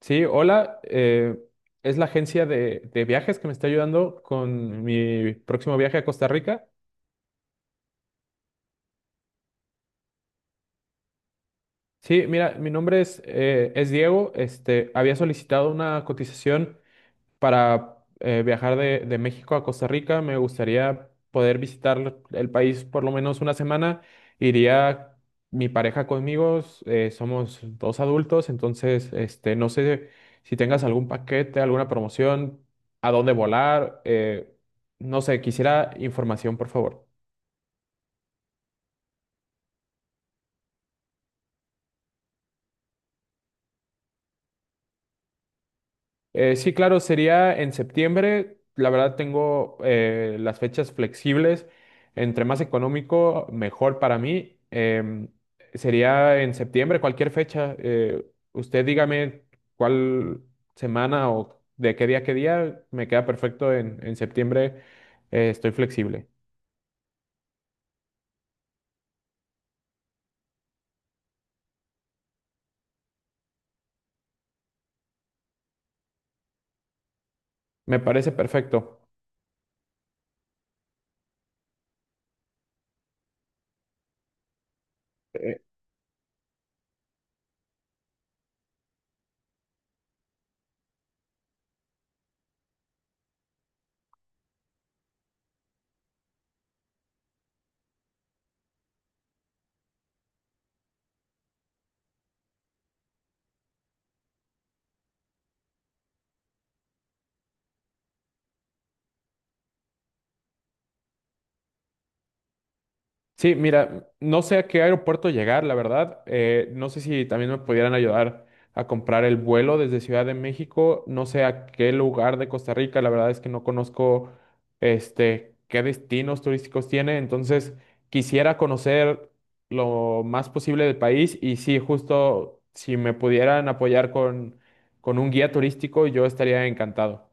Sí, hola. Es la agencia de viajes que me está ayudando con mi próximo viaje a Costa Rica. Sí, mira, mi nombre es Diego. Había solicitado una cotización para viajar de México a Costa Rica, me gustaría poder visitar el país por lo menos una semana. Iría mi pareja conmigo, somos dos adultos, entonces no sé si tengas algún paquete, alguna promoción, a dónde volar, no sé, quisiera información, por favor. Sí, claro, sería en septiembre. La verdad tengo las fechas flexibles. Entre más económico, mejor para mí. Sería en septiembre, cualquier fecha. Usted dígame cuál semana o de qué día a qué día. Me queda perfecto en septiembre. Estoy flexible. Me parece perfecto. Sí, mira, no sé a qué aeropuerto llegar, la verdad. No sé si también me pudieran ayudar a comprar el vuelo desde Ciudad de México. No sé a qué lugar de Costa Rica. La verdad es que no conozco qué destinos turísticos tiene. Entonces, quisiera conocer lo más posible del país. Y sí, justo si me pudieran apoyar con un guía turístico, yo estaría encantado.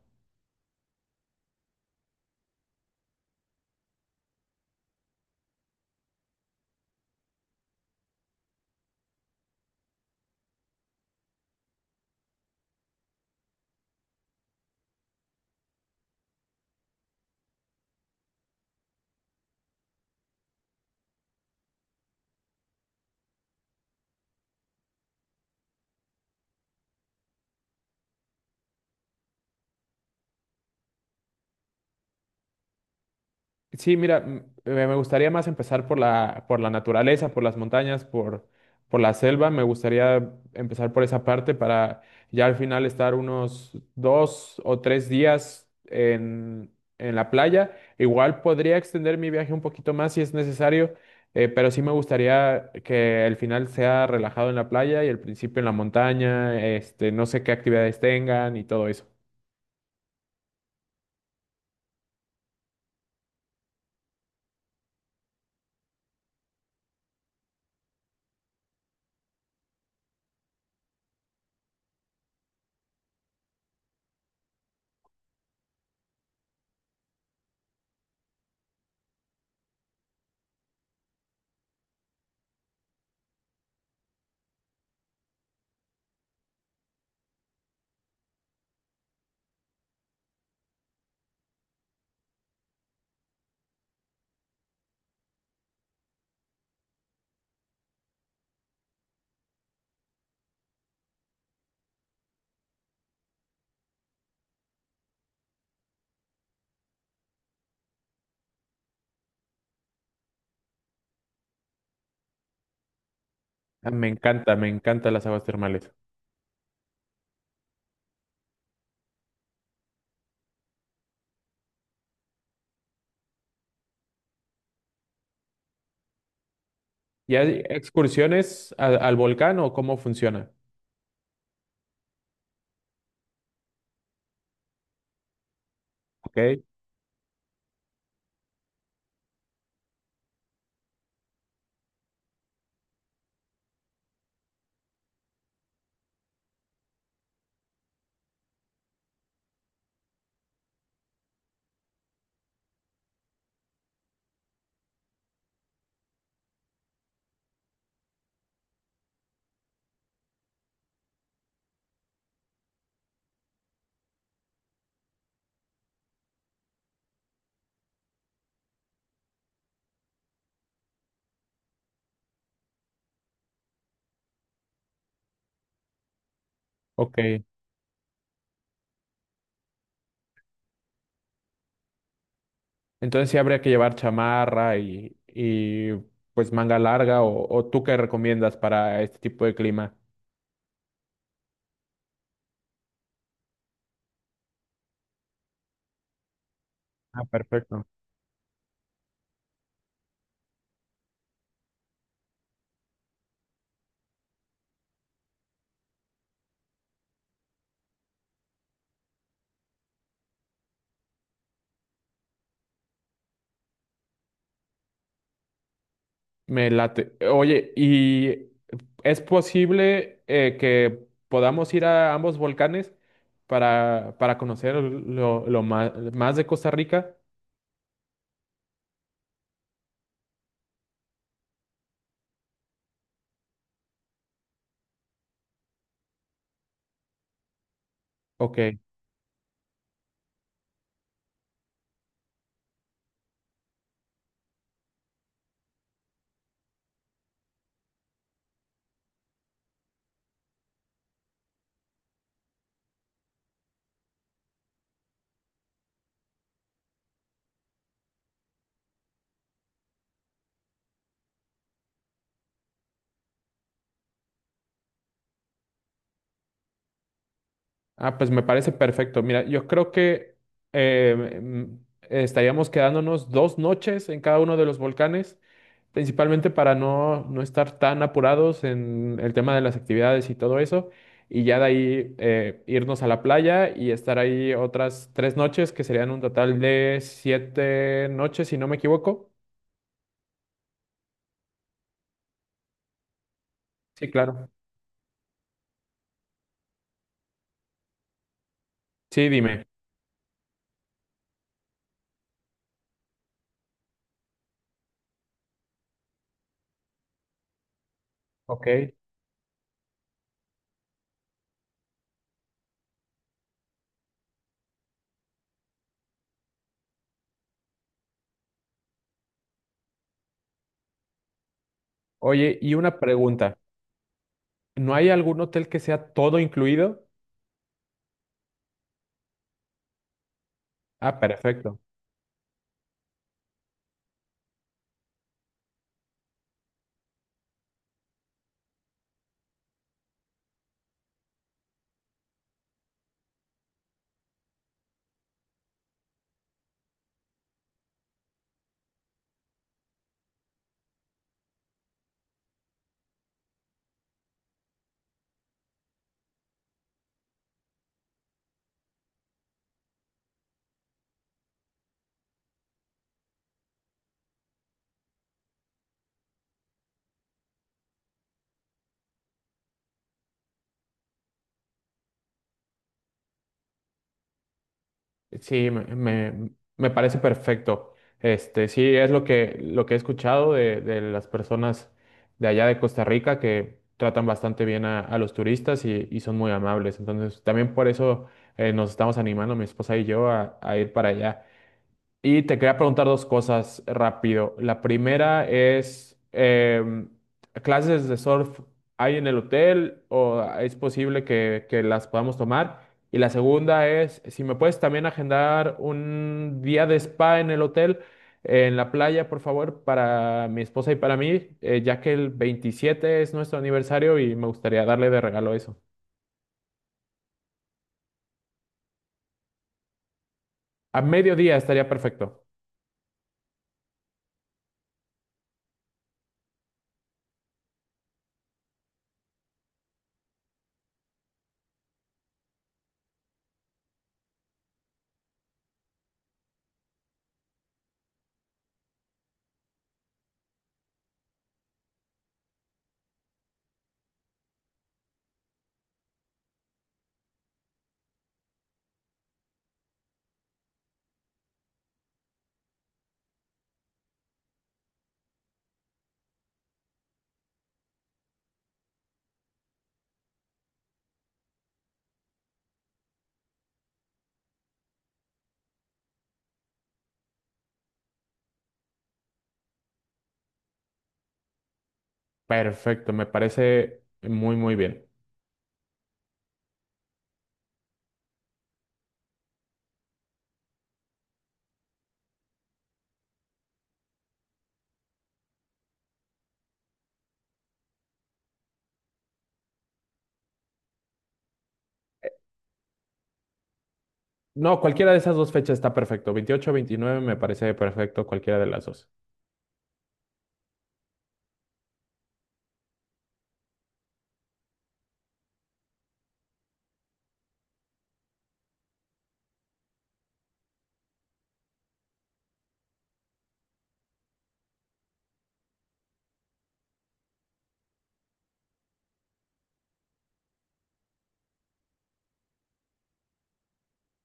Sí, mira, me gustaría más empezar por por la naturaleza, por las montañas, por la selva. Me gustaría empezar por esa parte para ya al final estar unos 2 o 3 días en la playa. Igual podría extender mi viaje un poquito más si es necesario, pero sí me gustaría que el final sea relajado en la playa y el principio en la montaña, no sé qué actividades tengan y todo eso. Ah, me encanta, me encantan las aguas termales. ¿Y hay excursiones al volcán o cómo funciona? ¿Ok? Ok. Entonces sí habría que llevar chamarra y pues manga larga o tú qué recomiendas para este tipo de clima. Ah, perfecto. Me late. Oye, ¿y es posible que podamos ir a ambos volcanes para conocer más, de Costa Rica? Ok. Ah, pues me parece perfecto. Mira, yo creo que eh, mm, estaríamos quedándonos 2 noches en cada uno de los volcanes, principalmente para no estar tan apurados en el tema de las actividades y todo eso, y ya de ahí irnos a la playa y estar ahí otras 3 noches, que serían un total de 7 noches, si no me equivoco. Sí, claro. Sí, dime. Ok. Oye, y una pregunta. ¿No hay algún hotel que sea todo incluido? Ah, perfecto. Sí, me parece perfecto. Sí, es lo que he escuchado de las personas de allá de Costa Rica que tratan bastante bien a los turistas y son muy amables. Entonces, también por eso nos estamos animando, mi esposa y yo, a ir para allá. Y te quería preguntar dos cosas rápido. La primera es, ¿clases de surf hay en el hotel o es posible que las podamos tomar? Y la segunda es, si me puedes también agendar un día de spa en el hotel, en la playa, por favor, para mi esposa y para mí, ya que el 27 es nuestro aniversario y me gustaría darle de regalo eso. A mediodía estaría perfecto. Perfecto, me parece muy, muy bien. No, cualquiera de esas dos fechas está perfecto. 28, 29, me parece perfecto, cualquiera de las dos.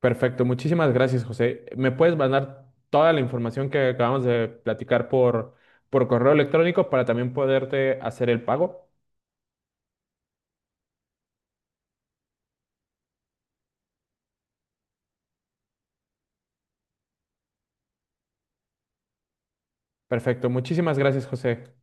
Perfecto, muchísimas gracias, José. ¿Me puedes mandar toda la información que acabamos de platicar por correo electrónico para también poderte hacer el pago? Perfecto, muchísimas gracias, José.